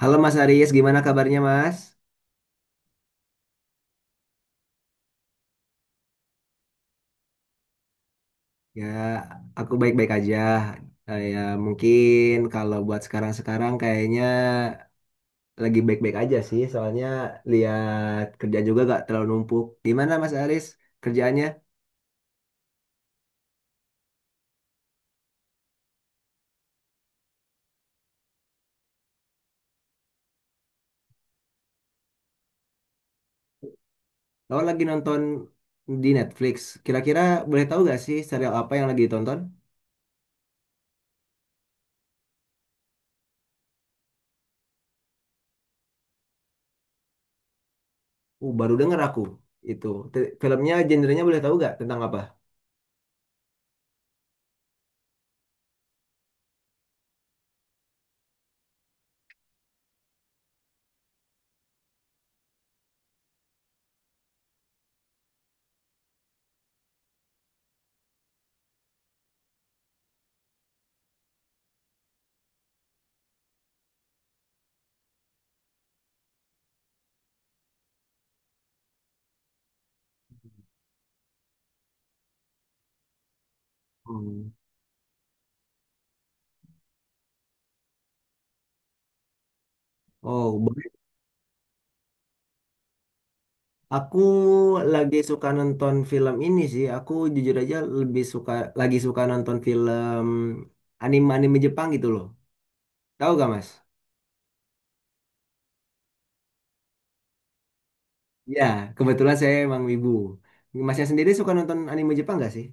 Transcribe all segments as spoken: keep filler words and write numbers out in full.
Halo Mas Aris, gimana kabarnya Mas? Ya, aku baik-baik aja. Eh, Ya, mungkin kalau buat sekarang-sekarang kayaknya lagi baik-baik aja sih, soalnya lihat kerja juga gak terlalu numpuk. Gimana Mas Aris kerjaannya? Kalau lagi nonton di Netflix, kira-kira boleh tahu gak sih serial apa yang lagi ditonton? Uh, baru denger aku itu. Te- Filmnya, genrenya boleh tahu gak tentang apa? Hmm. Oh, aku lagi suka nonton film ini sih. Aku jujur aja lebih suka lagi suka nonton film anime-anime Jepang gitu loh. Tahu gak Mas? Ya, kebetulan saya emang wibu. Masnya sendiri suka nonton anime Jepang gak sih?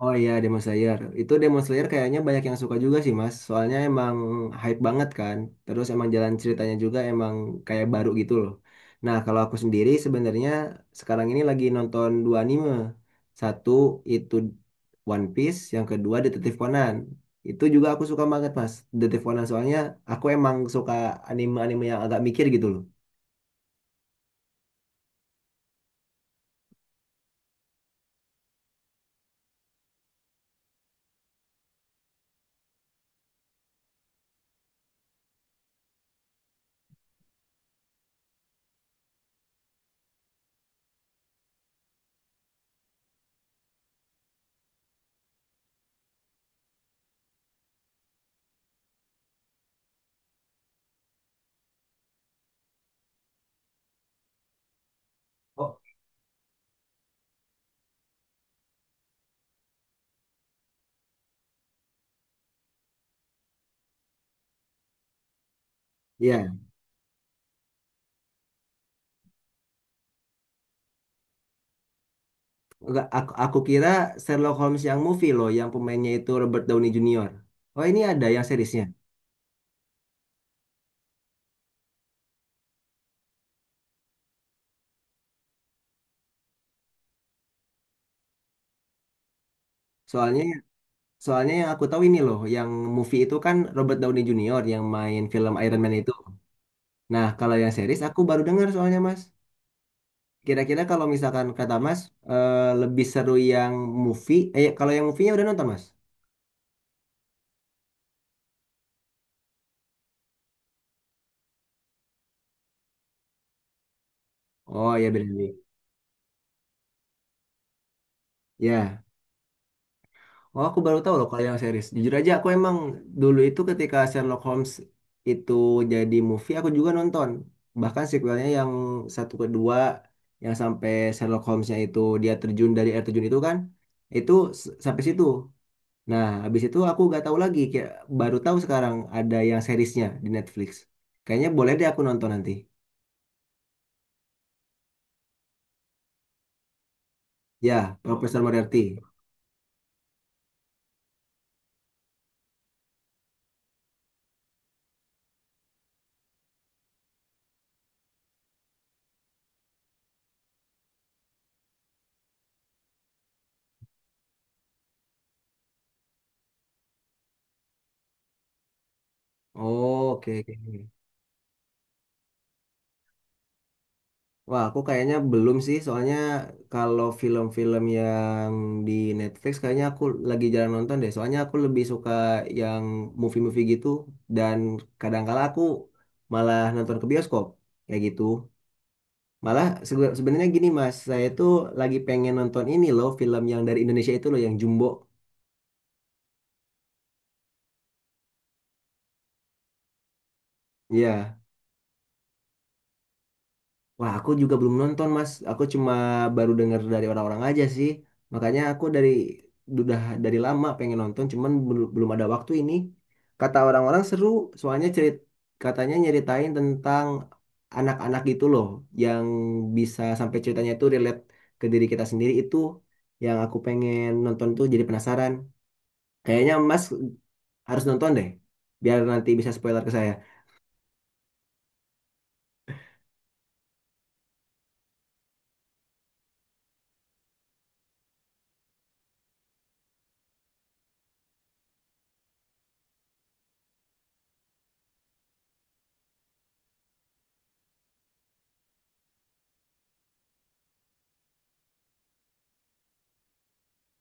Oh iya, Demon Slayer. Itu Demon Slayer kayaknya banyak yang suka juga sih Mas. Soalnya emang hype banget kan. Terus emang jalan ceritanya juga emang kayak baru gitu loh. Nah kalau aku sendiri sebenarnya sekarang ini lagi nonton dua anime. Satu itu One Piece, yang kedua Detektif Conan. Itu juga aku suka banget Mas. Detektif Conan soalnya aku emang suka anime-anime yang agak mikir gitu loh. Oh, iya, enggak, aku, aku kira Sherlock Holmes yang movie loh, yang pemainnya itu Robert Downey Junior. Oh ini ada yang seriesnya. Soalnya soalnya yang aku tahu ini loh, yang movie itu kan Robert Downey Junior yang main film Iron Man itu. Nah kalau yang series aku baru dengar soalnya Mas. Kira-kira kalau misalkan kata Mas eh, lebih seru yang movie, eh kalau yang movie-nya udah nonton Mas? Oh ya berarti. Ya. Oh, aku baru tahu loh kalau yang series. Jujur aja, aku emang dulu itu ketika Sherlock Holmes itu jadi movie, aku juga nonton. Bahkan sequelnya yang satu kedua, yang sampai Sherlock Holmesnya itu dia terjun dari air terjun itu kan, itu s- sampai situ. Nah, habis itu aku gak tahu lagi, kayak baru tahu sekarang ada yang seriesnya di Netflix. Kayaknya boleh deh aku nonton nanti. Ya, Profesor Moriarty. Oh, oke, oke. Wah, aku kayaknya belum sih, soalnya kalau film-film yang di Netflix kayaknya aku lagi jarang nonton deh. Soalnya aku lebih suka yang movie-movie gitu dan kadang-kala aku malah nonton ke bioskop kayak gitu. Malah sebe- sebenarnya gini Mas, saya tuh lagi pengen nonton ini loh, film yang dari Indonesia itu loh yang Jumbo. Iya. Wah, aku juga belum nonton, Mas. Aku cuma baru dengar dari orang-orang aja sih. Makanya aku dari udah dari lama pengen nonton, cuman bel- belum ada waktu ini. Kata orang-orang seru, soalnya cerit katanya nyeritain tentang anak-anak gitu loh, yang bisa sampai ceritanya itu relate ke diri kita sendiri itu yang aku pengen nonton tuh jadi penasaran. Kayaknya Mas harus nonton deh, biar nanti bisa spoiler ke saya.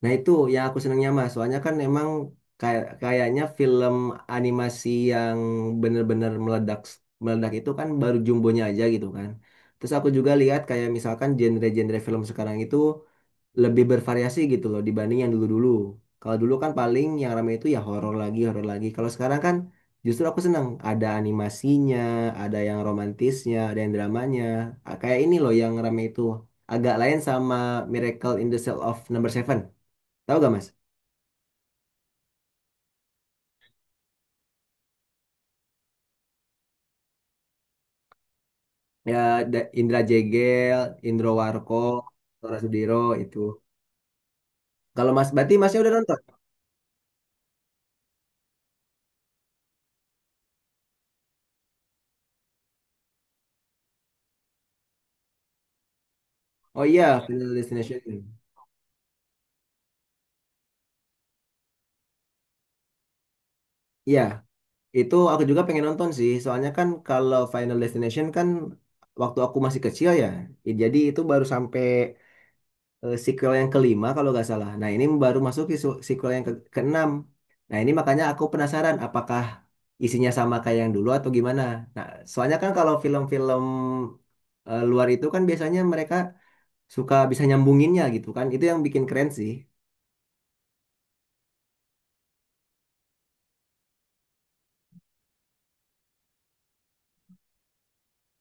Nah itu yang aku senangnya mas, soalnya kan emang kayak kayaknya film animasi yang bener-bener meledak meledak itu kan baru jumbonya aja gitu kan. Terus aku juga lihat kayak misalkan genre-genre film sekarang itu lebih bervariasi gitu loh dibanding yang dulu-dulu. Kalau dulu kan paling yang ramai itu ya horor lagi, horor lagi. Kalau sekarang kan justru aku senang ada animasinya, ada yang romantisnya, ada yang dramanya. Ah, kayak ini loh yang ramai itu agak lain sama Miracle in the Cell of Number Seven. Tahu gak Mas? Ya, Da- Indra Jegel, Indro Warko, Tora Sudiro itu. Kalau Mas Bati, Masnya udah nonton? Oh iya, Final Destination. Iya, itu aku juga pengen nonton sih. Soalnya kan kalau Final Destination kan waktu aku masih kecil ya. Jadi itu baru sampai eh, sequel yang kelima kalau nggak salah. Nah ini baru masuk ke su- sequel yang ke keenam. Nah ini makanya aku penasaran apakah isinya sama kayak yang dulu atau gimana. Nah soalnya kan kalau film-film eh, luar itu kan biasanya mereka suka bisa nyambunginnya gitu kan. Itu yang bikin keren sih.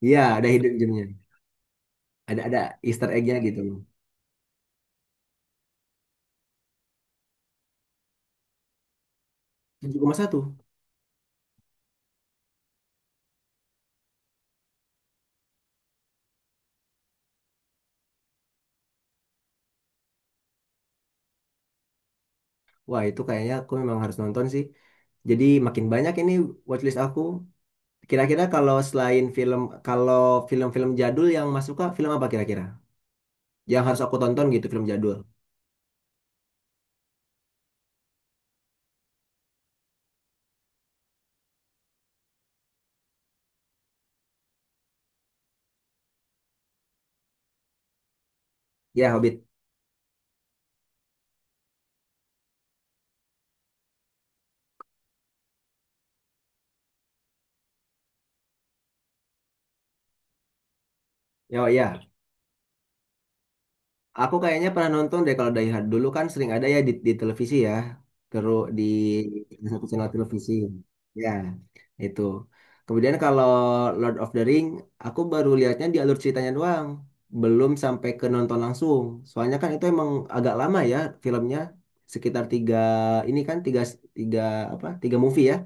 Iya ada hidden gemnya, ada ada Easter eggnya gitu. tujuh koma satu. Wah itu kayaknya aku memang harus nonton sih. Jadi makin banyak ini watchlist aku. Kira-kira kalau selain film, kalau film-film jadul yang Mas suka, film apa kira-kira? Yang harus aku tonton gitu, film jadul. Ya, Hobbit. Ya, oh, ya. Aku kayaknya pernah nonton deh kalau dari dulu kan sering ada ya di, di televisi ya. Terus di di satu channel televisi. Ya, itu. Kemudian kalau Lord of the Ring, aku baru lihatnya di alur ceritanya doang. Belum sampai ke nonton langsung. Soalnya kan itu emang agak lama ya filmnya. Sekitar tiga, ini kan tiga, tiga apa, tiga movie ya.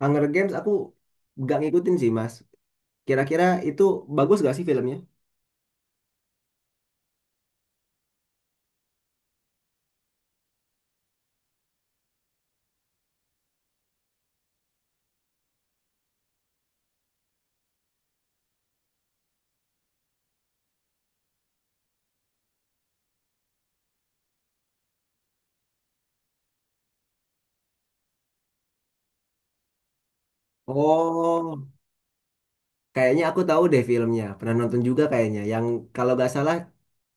Hunger Games aku nggak ngikutin sih Mas. Kira-kira itu bagus gak sih filmnya? Oh, kayaknya aku tahu deh filmnya. Pernah nonton juga kayaknya. Yang kalau gak salah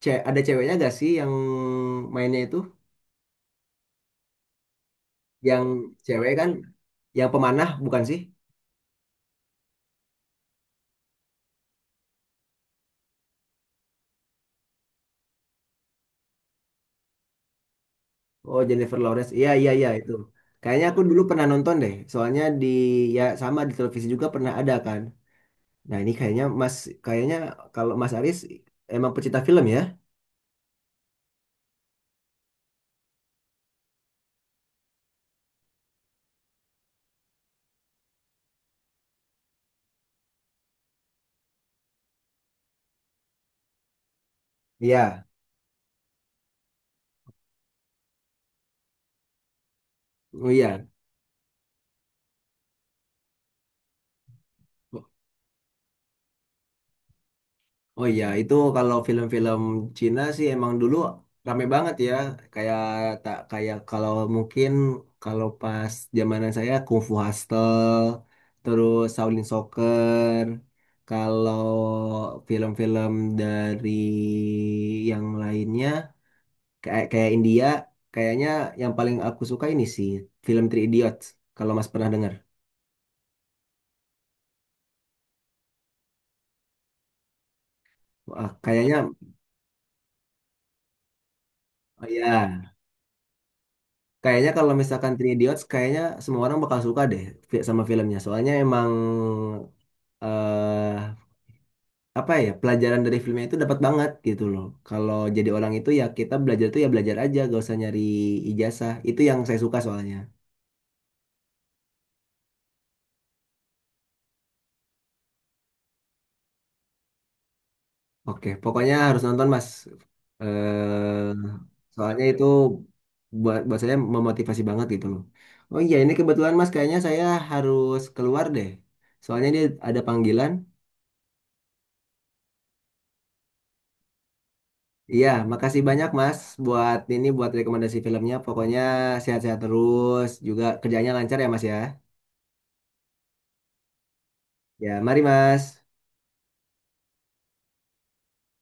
ce- ada ceweknya gak sih yang mainnya itu? Yang cewek kan, yang pemanah bukan sih? Oh, Jennifer Lawrence. Iya, iya, iya itu. Kayaknya aku dulu pernah nonton deh. Soalnya di ya sama di televisi juga pernah ada kan. Nah, ini kayaknya Mas kayaknya kalau Mas Aris emang pecinta film ya? Iya. Oh iya. Oh iya, itu kalau film-film Cina sih emang dulu rame banget ya. Kayak tak kayak kalau mungkin kalau pas zamanan saya Kung Fu Hustle, terus Shaolin Soccer. Kalau film-film dari yang lainnya kayak kayak India, kayaknya yang paling aku suka ini sih film Three Idiots. Kalau Mas pernah dengar, wah, kayaknya oh ya kayaknya kalau misalkan Three Idiots, kayaknya semua orang bakal suka deh fi- sama filmnya. Soalnya emang eh apa ya pelajaran dari filmnya itu dapat banget gitu loh. Kalau jadi orang itu ya kita belajar tuh ya belajar aja, gak usah nyari ijazah. Itu yang saya suka soalnya. Oke, pokoknya harus nonton Mas. eh Soalnya itu buat buat saya memotivasi banget gitu loh. Oh iya, ini kebetulan Mas, kayaknya saya harus keluar deh. Soalnya dia ada panggilan. Iya, makasih banyak Mas buat ini buat rekomendasi filmnya. Pokoknya sehat-sehat terus, juga kerjanya lancar ya Mas ya. Ya, mari Mas.